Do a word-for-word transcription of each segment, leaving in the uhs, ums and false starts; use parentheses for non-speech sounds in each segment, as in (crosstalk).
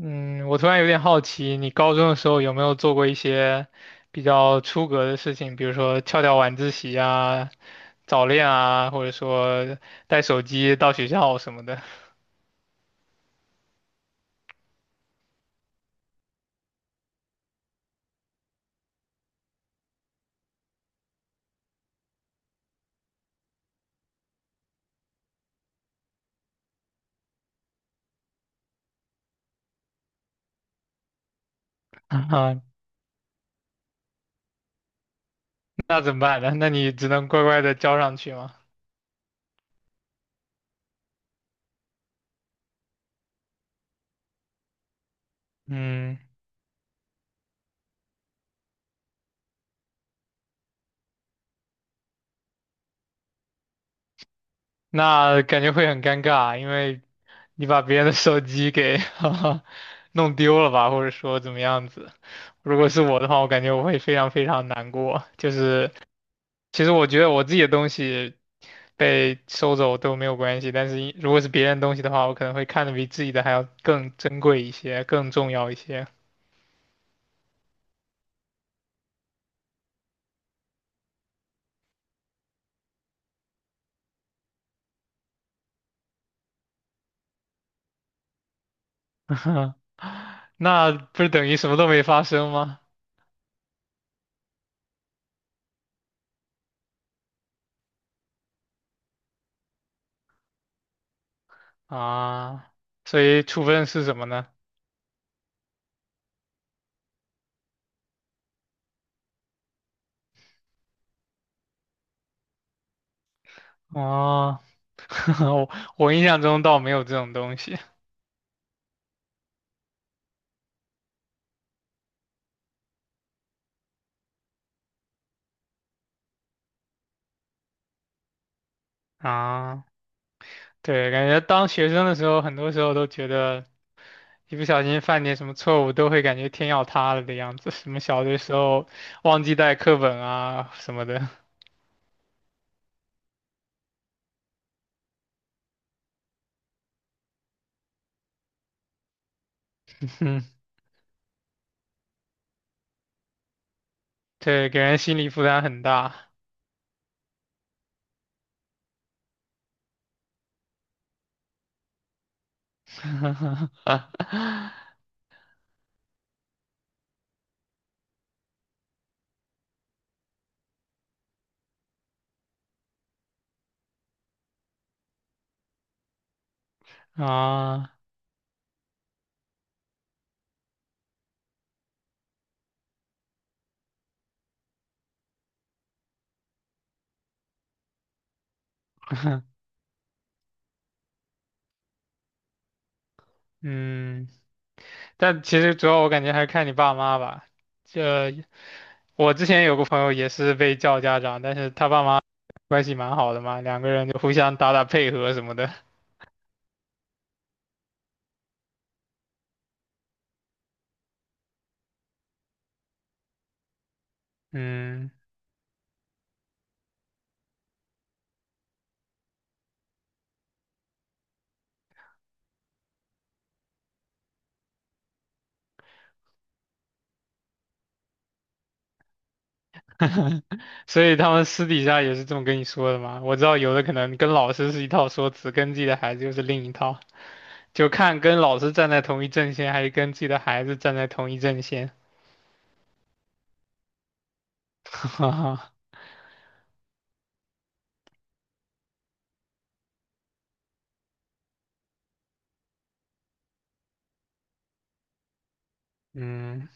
嗯，我突然有点好奇，你高中的时候有没有做过一些比较出格的事情，比如说翘掉晚自习啊、早恋啊，或者说带手机到学校什么的？(laughs) 啊，那怎么办呢？那你只能乖乖的交上去吗？嗯，那感觉会很尴尬，因为你把别人的手机给 (laughs) 弄丢了吧，或者说怎么样子。如果是我的话，我感觉我会非常非常难过，就是。其实我觉得我自己的东西被收走都没有关系，但是一如果是别人东西的话，我可能会看得比自己的还要更珍贵一些，更重要一些。(laughs) 那不是等于什么都没发生吗？啊，所以处分是什么呢？哦，(laughs) 我我印象中倒没有这种东西啊。对，感觉当学生的时候，很多时候都觉得。一不小心犯点什么错误，都会感觉天要塌了的样子。什么小的时候忘记带课本啊什么的，(laughs) 嗯，对，给人心理负担很大。(laughs) 啊，(laughs) 嗯，但其实主要我感觉还是看你爸妈吧。这我之前有个朋友也是被叫家长，但是他爸妈关系蛮好的嘛，两个人就互相打打配合什么的。嗯，(laughs) 所以他们私底下也是这么跟你说的嘛，我知道有的可能跟老师是一套说辞，跟自己的孩子又是另一套，就看跟老师站在同一阵线，还是跟自己的孩子站在同一阵线。(laughs) 嗯，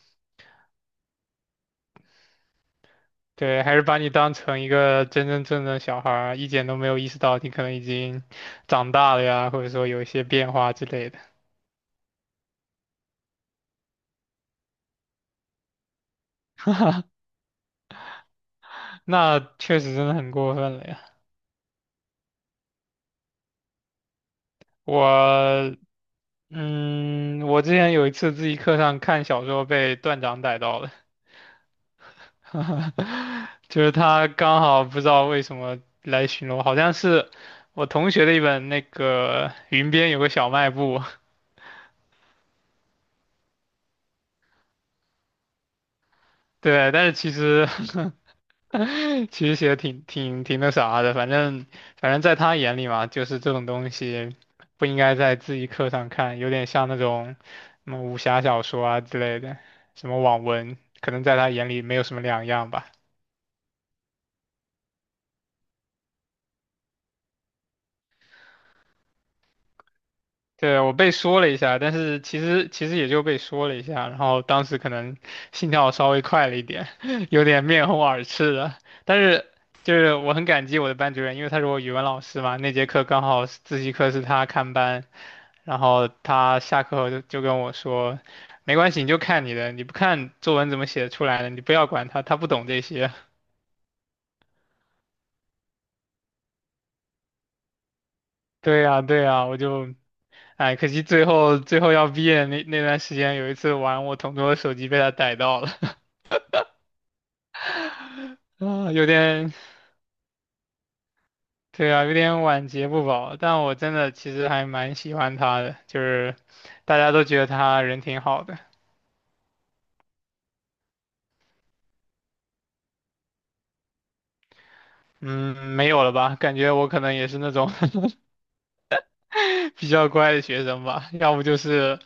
对，还是把你当成一个真真正正的小孩儿，一点都没有意识到你可能已经长大了呀，或者说有一些变化之类的。那确实真的很过分了呀。我，嗯，我之前有一次自习课上看小说被段长逮到了。(laughs) 就是他刚好不知道为什么来巡逻，好像是我同学的一本那个《云边有个小卖部》。对，但是其实 (laughs) 其实写的挺挺挺那啥的，反正反正在他眼里嘛，就是这种东西不应该在自习课上看，有点像那种什么武侠小说啊之类的，什么网文，可能在他眼里没有什么两样吧。对，我被说了一下，但是其实其实也就被说了一下，然后当时可能心跳稍微快了一点，(laughs) 有点面红耳赤的。但是就是我很感激我的班主任，因为他是我语文老师嘛，那节课刚好是自习课是他看班，然后他下课后就就跟我说，没关系，你就看你的，你不看作文怎么写出来的，你不要管他，他不懂这些。(laughs) 对呀，对呀，我就。哎，可惜最后最后要毕业那那段时间，有一次玩我同桌的手机被他逮到了。啊，有点，对啊，有点晚节不保，但我真的其实还蛮喜欢他的，就是大家都觉得他人挺好的。嗯，没有了吧？感觉我可能也是那种 (laughs) 比较乖的学生吧，要不就是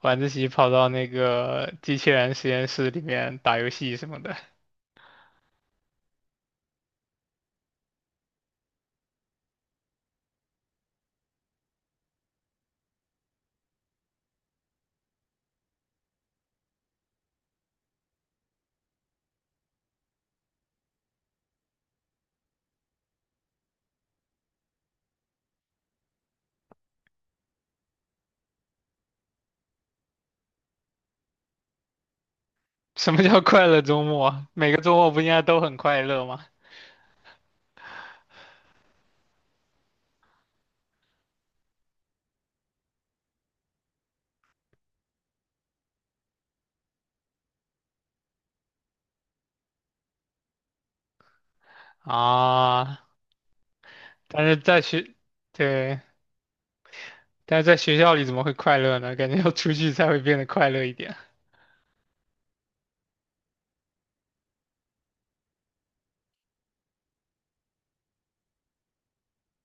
晚自习跑到那个机器人实验室里面打游戏什么的。什么叫快乐周末啊？每个周末不应该都很快乐吗？啊，但是在学，对，但是在学校里怎么会快乐呢？感觉要出去才会变得快乐一点。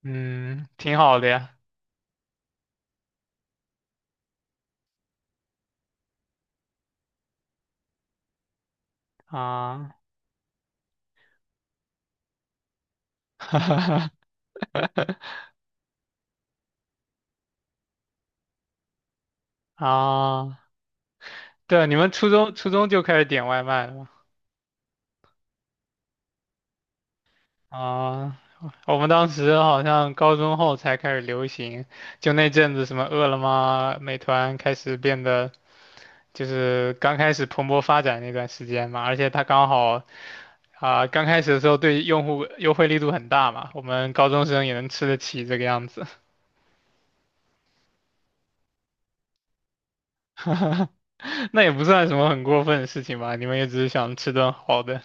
嗯，挺好的呀。啊，(laughs) 哈哈哈啊，对，你们初中初中就开始点外卖了吗啊，我们当时好像高中后才开始流行，就那阵子什么饿了么、美团开始变得就是刚开始蓬勃发展那段时间嘛，而且它刚好啊、刚开始的时候对用户优惠力度很大嘛，我们高中生也能吃得起这个样子。(laughs) 那也不算什么很过分的事情吧？你们也只是想吃顿好的。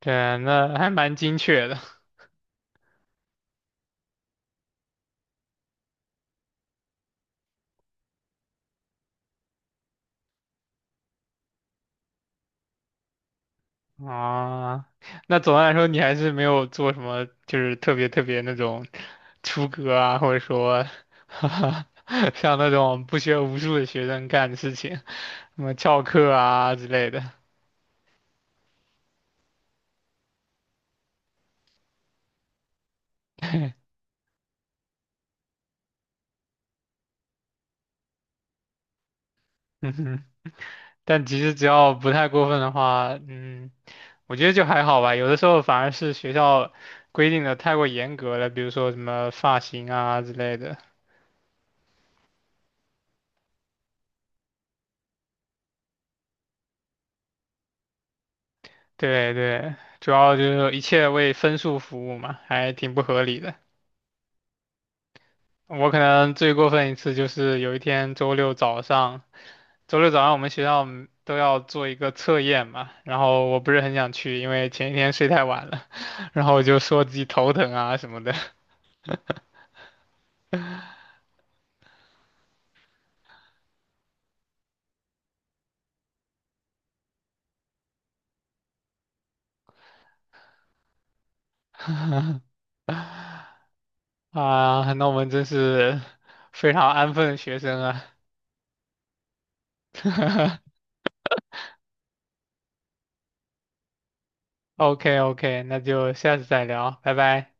对，那还蛮精确的啊。那总的来说，你还是没有做什么，就是特别特别那种出格啊，或者说 (laughs) 像那种不学无术的学生干的事情，什么翘课啊之类的。(laughs) 嗯哼，但其实只要不太过分的话，嗯，我觉得就还好吧。有的时候反而是学校规定的太过严格了，比如说什么发型啊之类的。对对，主要就是一切为分数服务嘛，还挺不合理的。我可能最过分一次就是有一天周六早上，周六早上我们学校嗯都要做一个测验嘛，然后我不是很想去，因为前一天睡太晚了，(laughs) 然后我就说自己头疼啊什么的啊，那我们真是非常安分的学生啊。(laughs) OK OK，那就下次再聊，拜拜。